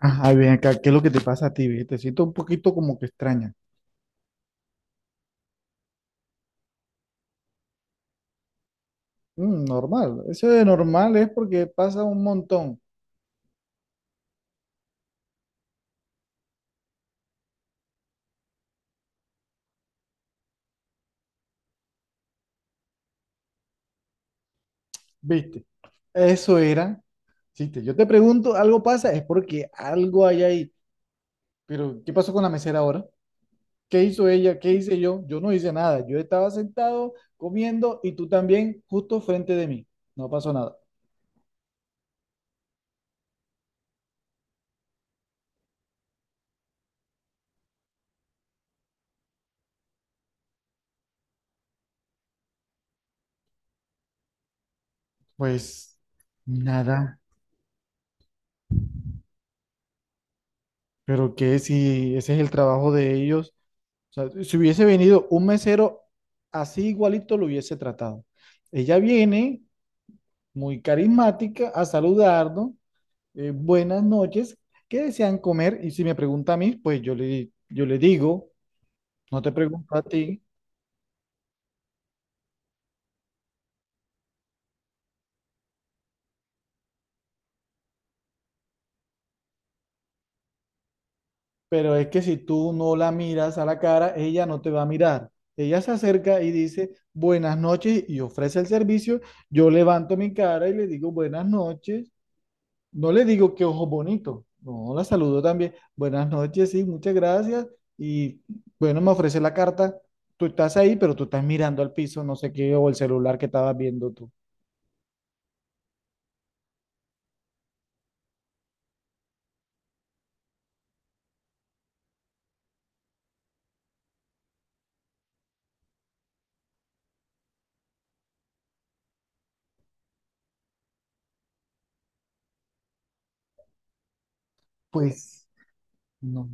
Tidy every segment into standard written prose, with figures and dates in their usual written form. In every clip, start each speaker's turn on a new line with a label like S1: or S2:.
S1: Ajá, ven acá, ¿qué es lo que te pasa a ti? ¿Ve? Te siento un poquito como que extraña. Normal, eso de normal es porque pasa un montón, ¿viste? Eso era, ¿viste? Yo te pregunto, algo pasa, es porque algo hay ahí. Pero, ¿qué pasó con la mesera ahora? ¿Qué hizo ella? ¿Qué hice yo? Yo no hice nada, yo estaba sentado comiendo y tú también justo frente de mí. No pasó nada. Pues nada, pero que si ese es el trabajo de ellos. O sea, si hubiese venido un mesero así igualito, lo hubiese tratado. Ella viene muy carismática a saludarnos, buenas noches, ¿qué desean comer? Y si me pregunta a mí, pues yo le digo, no te pregunto a ti, pero es que si tú no la miras a la cara, ella no te va a mirar. Ella se acerca y dice, buenas noches, y ofrece el servicio. Yo levanto mi cara y le digo, buenas noches. No le digo que ojos bonitos. No, la saludo también. Buenas noches, sí, muchas gracias. Y bueno, me ofrece la carta. Tú estás ahí, pero tú estás mirando al piso, no sé qué, o el celular que estabas viendo tú. Pues, no,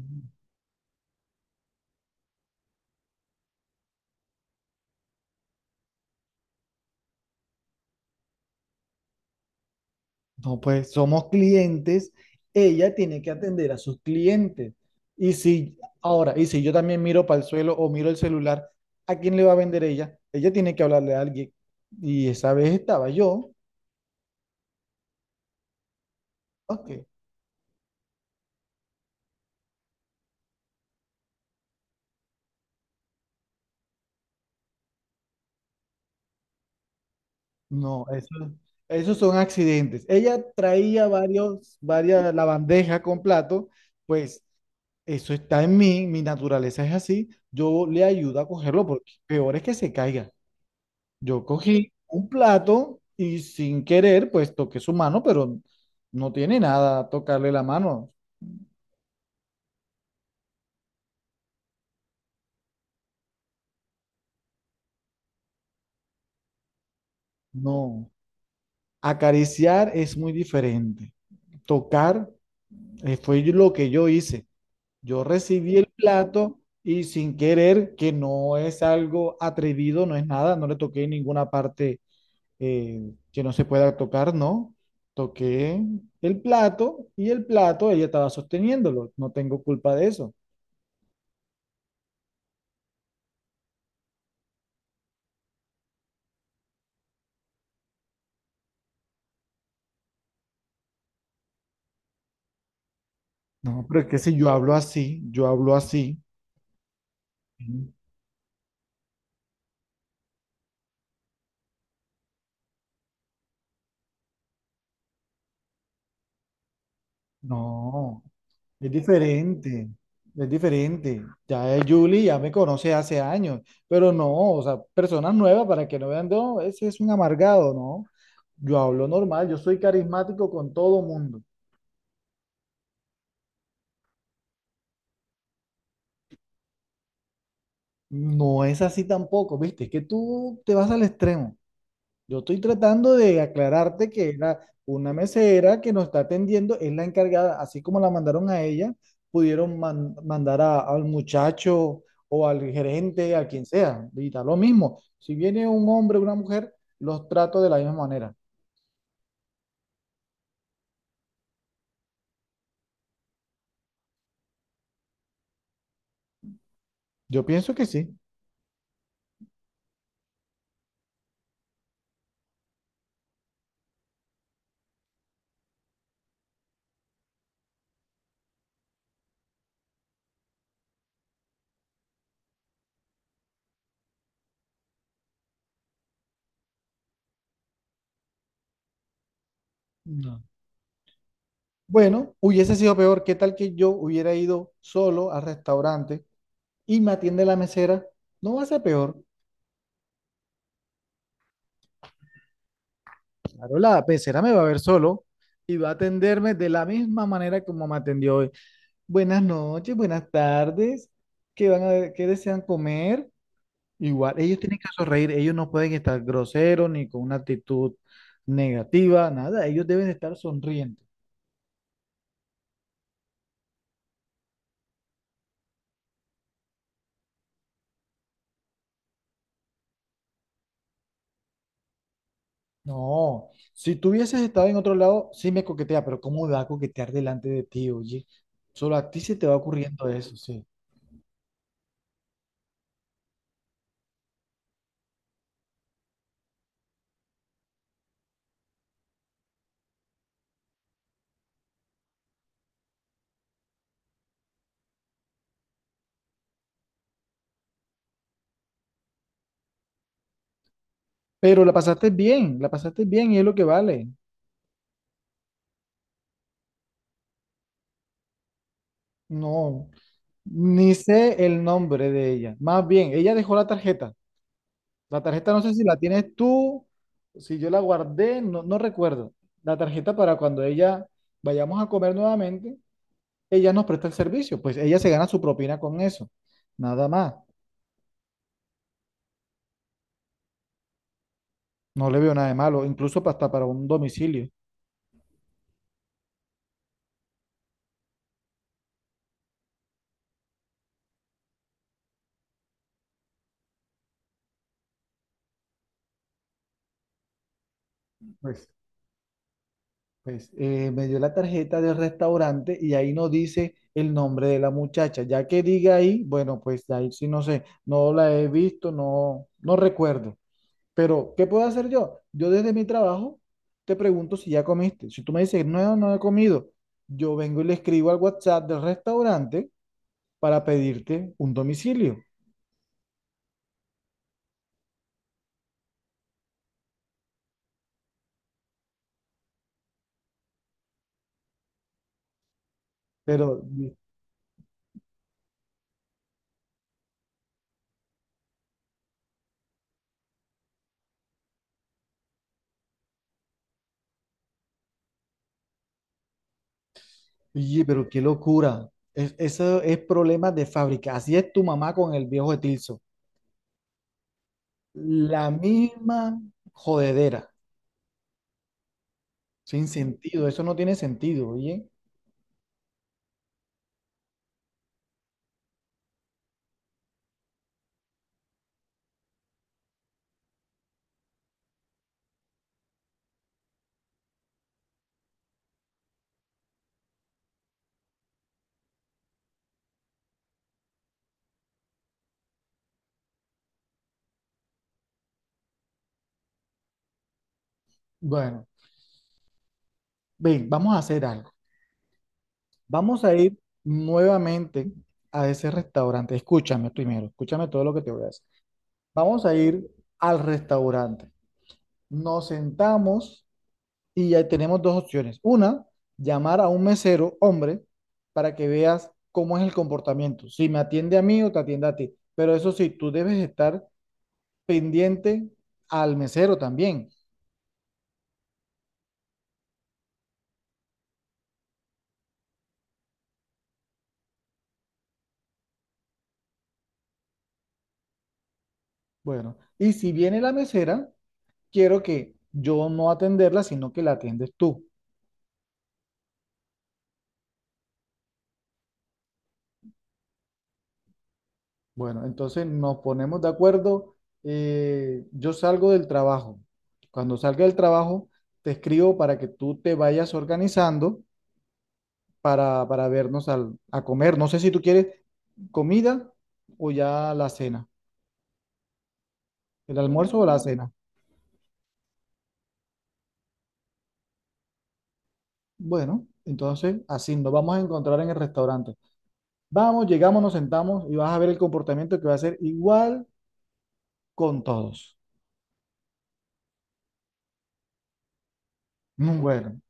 S1: no, pues somos clientes. Ella tiene que atender a sus clientes. Y si, ahora, y si yo también miro para el suelo o miro el celular, ¿a quién le va a vender ella? Ella tiene que hablarle a alguien. Y esa vez estaba yo. Ok. No, eso- Esos son accidentes. Ella traía varios, varias, la bandeja con plato, pues eso está en mí, mi naturaleza es así, yo le ayudo a cogerlo porque peor es que se caiga. Yo cogí un plato y sin querer, pues toqué su mano, pero no tiene nada tocarle la mano. No, acariciar es muy diferente. Tocar, fue lo que yo hice. Yo recibí el plato y sin querer, que no es algo atrevido, no es nada, no le toqué ninguna parte que no se pueda tocar, no. Toqué el plato y el plato ella estaba sosteniéndolo, no tengo culpa de eso. No, pero es que si yo hablo así, yo hablo así. No. Es diferente, es diferente. Ya es Julie, ya me conoce hace años, pero no, o sea, personas nuevas para que no vean, no, ese es un amargado, ¿no? Yo hablo normal, yo soy carismático con todo mundo. No es así tampoco, ¿viste? Es que tú te vas al extremo. Yo estoy tratando de aclararte que era una mesera que nos está atendiendo, es la encargada, así como la mandaron a ella, pudieron mandar al muchacho o al gerente, a quien sea, y da lo mismo. Si viene un hombre o una mujer, los trato de la misma manera. Yo pienso que sí. No. Bueno, hubiese sido peor. ¿Qué tal que yo hubiera ido solo al restaurante y me atiende la mesera? No va a ser peor. Claro, la pecera me va a ver solo y va a atenderme de la misma manera como me atendió hoy. Buenas noches, buenas tardes. Qué desean comer? Igual, ellos tienen que sonreír, ellos no pueden estar groseros ni con una actitud negativa, nada, ellos deben estar sonrientes. No, si tú hubieses estado en otro lado, sí me coquetea, pero ¿cómo va a coquetear delante de ti, oye? Solo a ti se te va ocurriendo eso, sí. Pero la pasaste bien y es lo que vale. No. Ni sé el nombre de ella. Más bien, ella dejó la tarjeta. La tarjeta no sé si la tienes tú, si yo la guardé, no, no recuerdo. La tarjeta para cuando ella vayamos a comer nuevamente, ella nos presta el servicio. Pues ella se gana su propina con eso. Nada más. No le veo nada de malo, incluso hasta para un domicilio. Pues, pues me dio la tarjeta del restaurante y ahí no dice el nombre de la muchacha. Ya que diga ahí, bueno, pues ahí sí no sé, no la he visto, no, no recuerdo. Pero, ¿qué puedo hacer yo? Yo desde mi trabajo te pregunto si ya comiste. Si tú me dices, no, no he comido, yo vengo y le escribo al WhatsApp del restaurante para pedirte un domicilio. Pero, oye, pero qué locura. Eso es problema de fábrica. Así es tu mamá con el viejo Etilso. La misma jodedera. Sin sentido. Eso no tiene sentido, oye. Bueno, ven, vamos a hacer algo. Vamos a ir nuevamente a ese restaurante. Escúchame primero, escúchame todo lo que te voy a decir. Vamos a ir al restaurante. Nos sentamos y ya tenemos dos opciones. Una, llamar a un mesero, hombre, para que veas cómo es el comportamiento. Si me atiende a mí o te atiende a ti. Pero eso sí, tú debes estar pendiente al mesero también. Bueno, y si viene la mesera, quiero que yo no atenderla, sino que la atiendes tú. Bueno, entonces nos ponemos de acuerdo. Yo salgo del trabajo. Cuando salga del trabajo, te escribo para que tú te vayas organizando para vernos a comer. No sé si tú quieres comida o ya la cena, el almuerzo o la cena. Bueno, entonces así nos vamos a encontrar en el restaurante. Vamos, llegamos, nos sentamos y vas a ver el comportamiento que va a ser igual con todos. Bueno.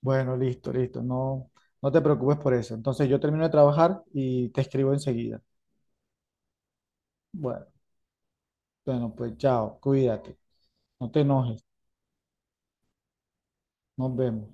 S1: Bueno, listo, listo. No, no te preocupes por eso. Entonces yo termino de trabajar y te escribo enseguida. Bueno, bueno, pues chao, cuídate, no te enojes, nos vemos.